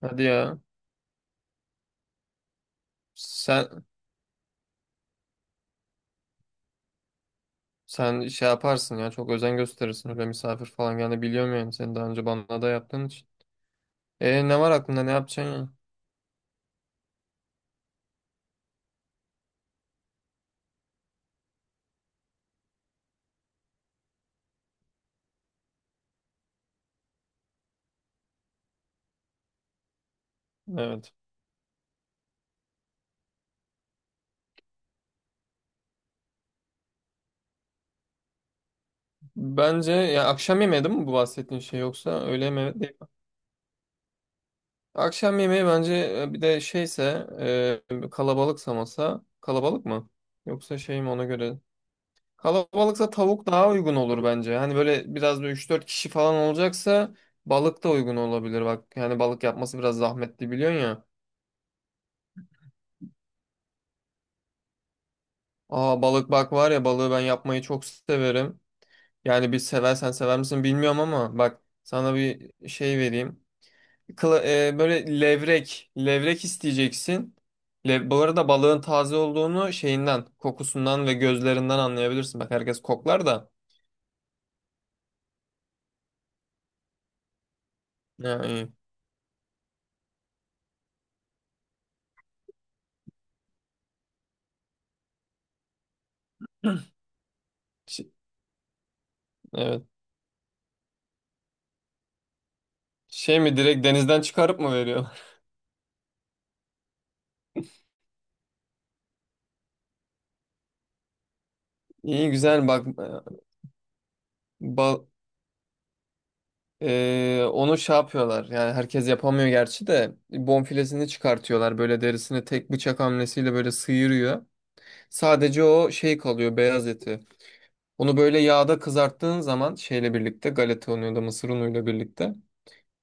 Hadi ya. Sen sen şey yaparsın ya. Çok özen gösterirsin. Öyle misafir falan geldi biliyorum yani. Sen daha önce bana da yaptığın için. E ne var aklında? Ne yapacaksın ya? Evet. Bence ya akşam yemeği değil mi bu bahsettiğin şey, yoksa öğle mi, değil mi? Akşam yemeği bence bir de şeyse, kalabalıksa, masa kalabalık mı? Yoksa şey mi, ona göre? Kalabalıksa tavuk daha uygun olur bence. Hani böyle biraz da 3-4 kişi falan olacaksa balık da uygun olabilir. Bak yani balık yapması biraz zahmetli, biliyorsun ya. Aa, balık, bak var ya, balığı ben yapmayı çok severim. Yani bir seversen, sever misin bilmiyorum, ama bak sana bir şey vereyim. Böyle levrek isteyeceksin. Bu arada balığın taze olduğunu şeyinden, kokusundan ve gözlerinden anlayabilirsin. Bak herkes koklar da. Ha, iyi. Ş- evet. Şey mi, direkt denizden çıkarıp mı veriyor? İyi güzel bak. E, Bal onu şey yapıyorlar, yani herkes yapamıyor gerçi de, bonfilesini çıkartıyorlar, böyle derisini tek bıçak hamlesiyle böyle sıyırıyor. Sadece o şey kalıyor, beyaz eti. Onu böyle yağda kızarttığın zaman şeyle birlikte, galeta unuyla mısır unuyla birlikte,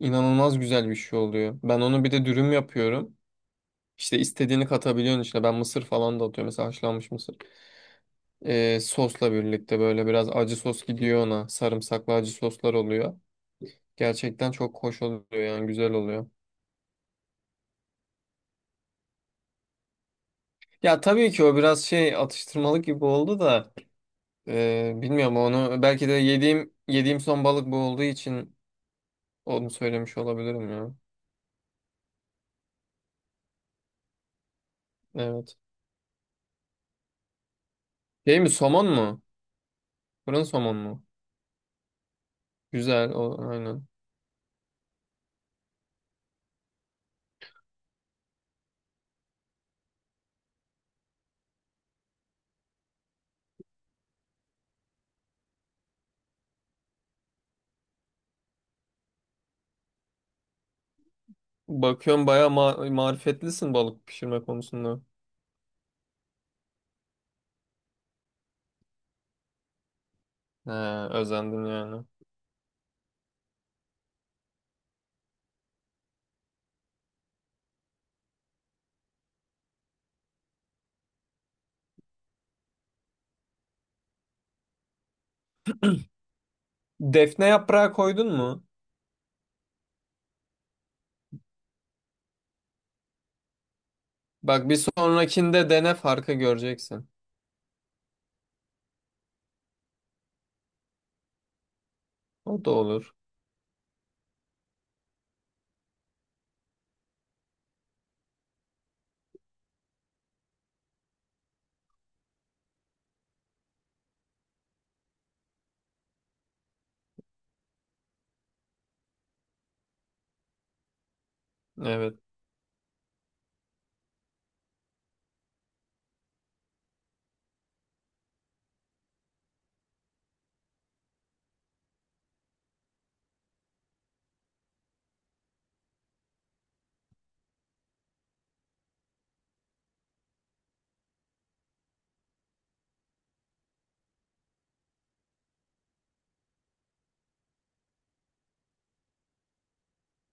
inanılmaz güzel bir şey oluyor. Ben onu bir de dürüm yapıyorum. İşte istediğini katabiliyorsun içine. Ben mısır falan da atıyorum mesela, haşlanmış mısır. Sosla birlikte böyle biraz acı sos gidiyor ona. Sarımsaklı acı soslar oluyor. Gerçekten çok hoş oluyor, yani güzel oluyor. Ya tabii ki o biraz şey, atıştırmalık gibi oldu da, bilmiyorum, onu belki de yediğim son balık bu olduğu için onu söylemiş olabilirim ya. Evet. Şey mi, somon mu? Fırın somon mu? Güzel o, aynen. Bakıyorum bayağı marifetlisin balık pişirme konusunda. He, özendim yani. Defne yaprağı koydun mu? Bak bir sonrakinde dene, farkı göreceksin. O da olur. Evet.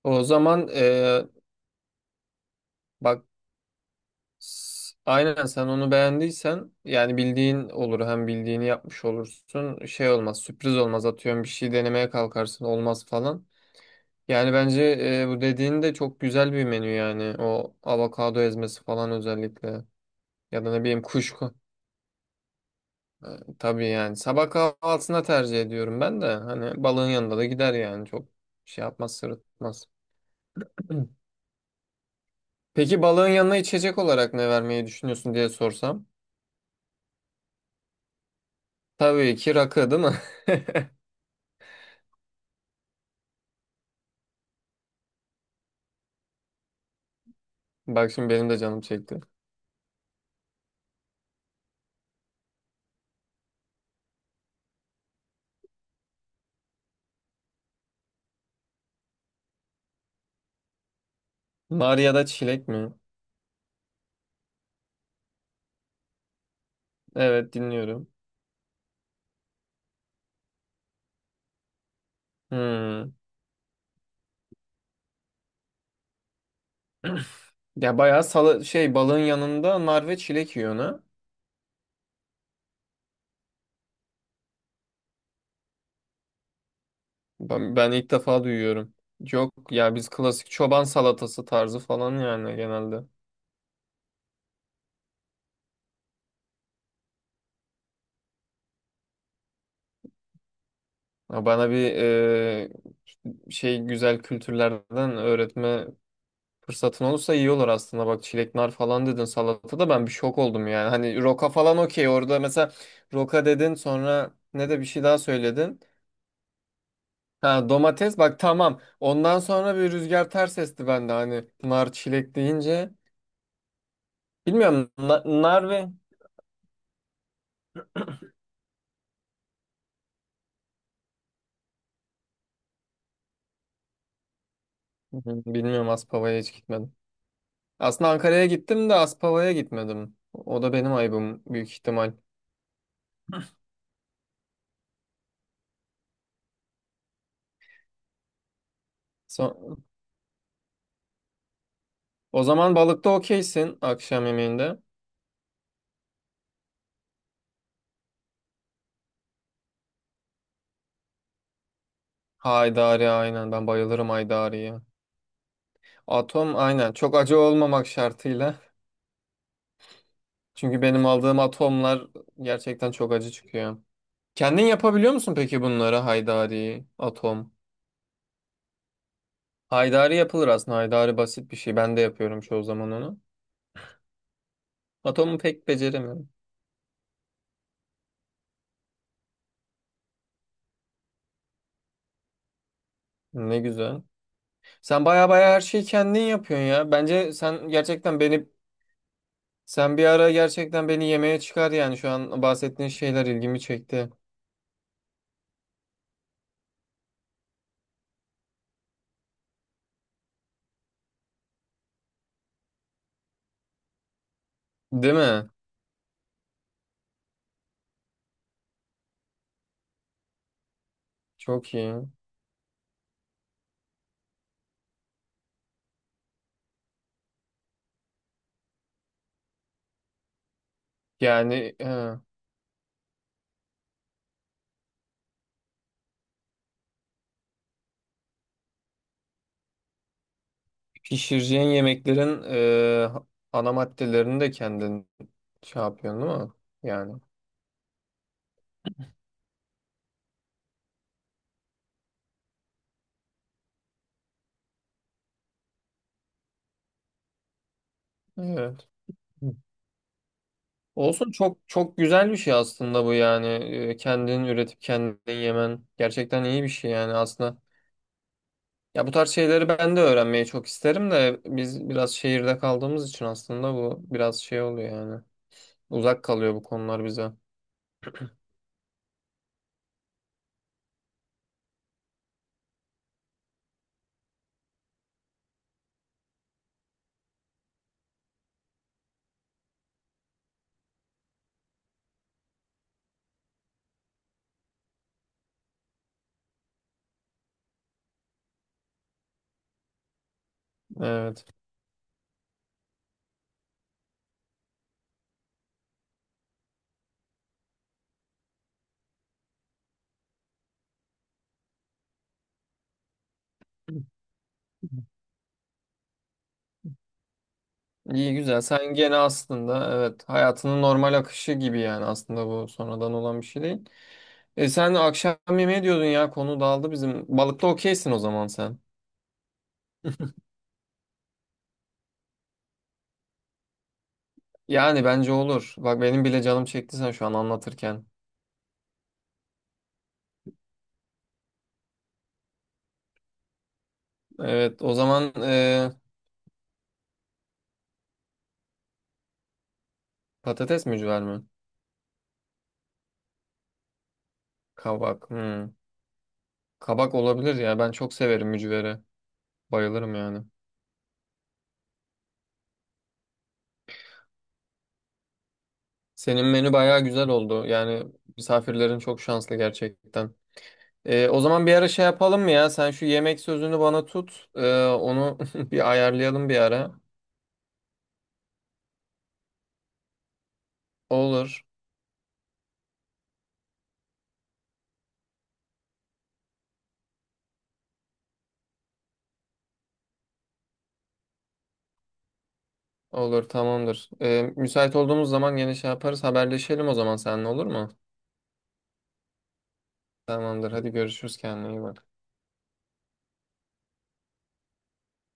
O zaman bak, aynen, sen onu beğendiysen yani bildiğin olur, hem bildiğini yapmış olursun, şey olmaz, sürpriz olmaz, atıyorum bir şey denemeye kalkarsın, olmaz falan. Yani bence bu dediğin de çok güzel bir menü yani, o avokado ezmesi falan özellikle, ya da ne bileyim kuşku. E, tabii yani sabah kahvaltısına tercih ediyorum ben de, hani balığın yanında da gider yani, çok şey yapmaz, sırıtmaz. Peki balığın yanına içecek olarak ne vermeyi düşünüyorsun diye sorsam? Tabii ki rakı değil mi? Bak şimdi benim de canım çekti. Nar ya da çilek mi? Evet, dinliyorum. Hmm. Ya bayağı, sala şey, balığın yanında nar ve çilek yiyor ha? Ben ilk defa duyuyorum. Yok ya, biz klasik çoban salatası tarzı falan yani genelde. Ya bana bir şey, güzel kültürlerden öğretme fırsatın olursa iyi olur aslında. Bak çilek nar falan dedin salatada, ben bir şok oldum yani. Hani roka falan okey orada mesela, roka dedin, sonra ne de bir şey daha söyledin. Ha, domates, bak tamam. Ondan sonra bir rüzgar ters esti bende hani, nar çilek deyince. Bilmiyorum, nar ve Hı hı, bilmiyorum, Aspava'ya hiç gitmedim. Aslında Ankara'ya gittim de Aspava'ya gitmedim. O da benim ayıbım büyük ihtimal. So- O zaman balıkta okeysin akşam yemeğinde. Haydari, aynen, ben bayılırım haydariye. Atom, aynen, çok acı olmamak şartıyla. Çünkü benim aldığım atomlar gerçekten çok acı çıkıyor. Kendin yapabiliyor musun peki bunları, haydari, atom? Haydari yapılır aslında. Haydari basit bir şey. Ben de yapıyorum çoğu zaman onu. Atomu pek beceremiyorum. Ne güzel. Sen baya baya her şeyi kendin yapıyorsun ya. Bence sen gerçekten beni, sen bir ara gerçekten beni yemeğe çıkar yani, şu an bahsettiğin şeyler ilgimi çekti. Değil mi? Çok iyi. Yani he, pişireceğin yemeklerin ana maddelerini de kendin şey yapıyorsun değil mi? Yani. Evet. Olsun, çok çok güzel bir şey aslında bu yani. Kendin üretip kendin yemen gerçekten iyi bir şey yani aslında. Ya bu tarz şeyleri ben de öğrenmeyi çok isterim de, biz biraz şehirde kaldığımız için aslında bu biraz şey oluyor yani. Uzak kalıyor bu konular bize. Evet. İyi güzel. Sen gene aslında, evet, hayatının normal akışı gibi yani, aslında bu sonradan olan bir şey değil. E sen akşam yemeği diyordun ya, konu dağıldı bizim. Balıkta okeysin o zaman sen. Yani bence olur. Bak benim bile canım çekti sen şu an anlatırken. Evet, o zaman patates mücver mi? Kabak. Hmm. Kabak olabilir ya. Ben çok severim mücvere. Bayılırım yani. Senin menü bayağı güzel oldu. Yani misafirlerin çok şanslı gerçekten. E, o zaman bir ara şey yapalım mı ya? Sen şu yemek sözünü bana tut. E, onu bir ayarlayalım bir ara. Olur. Olur, tamamdır. E, müsait olduğumuz zaman yine şey yaparız. Haberleşelim o zaman seninle, olur mu? Tamamdır. Hadi görüşürüz, kendine iyi bak.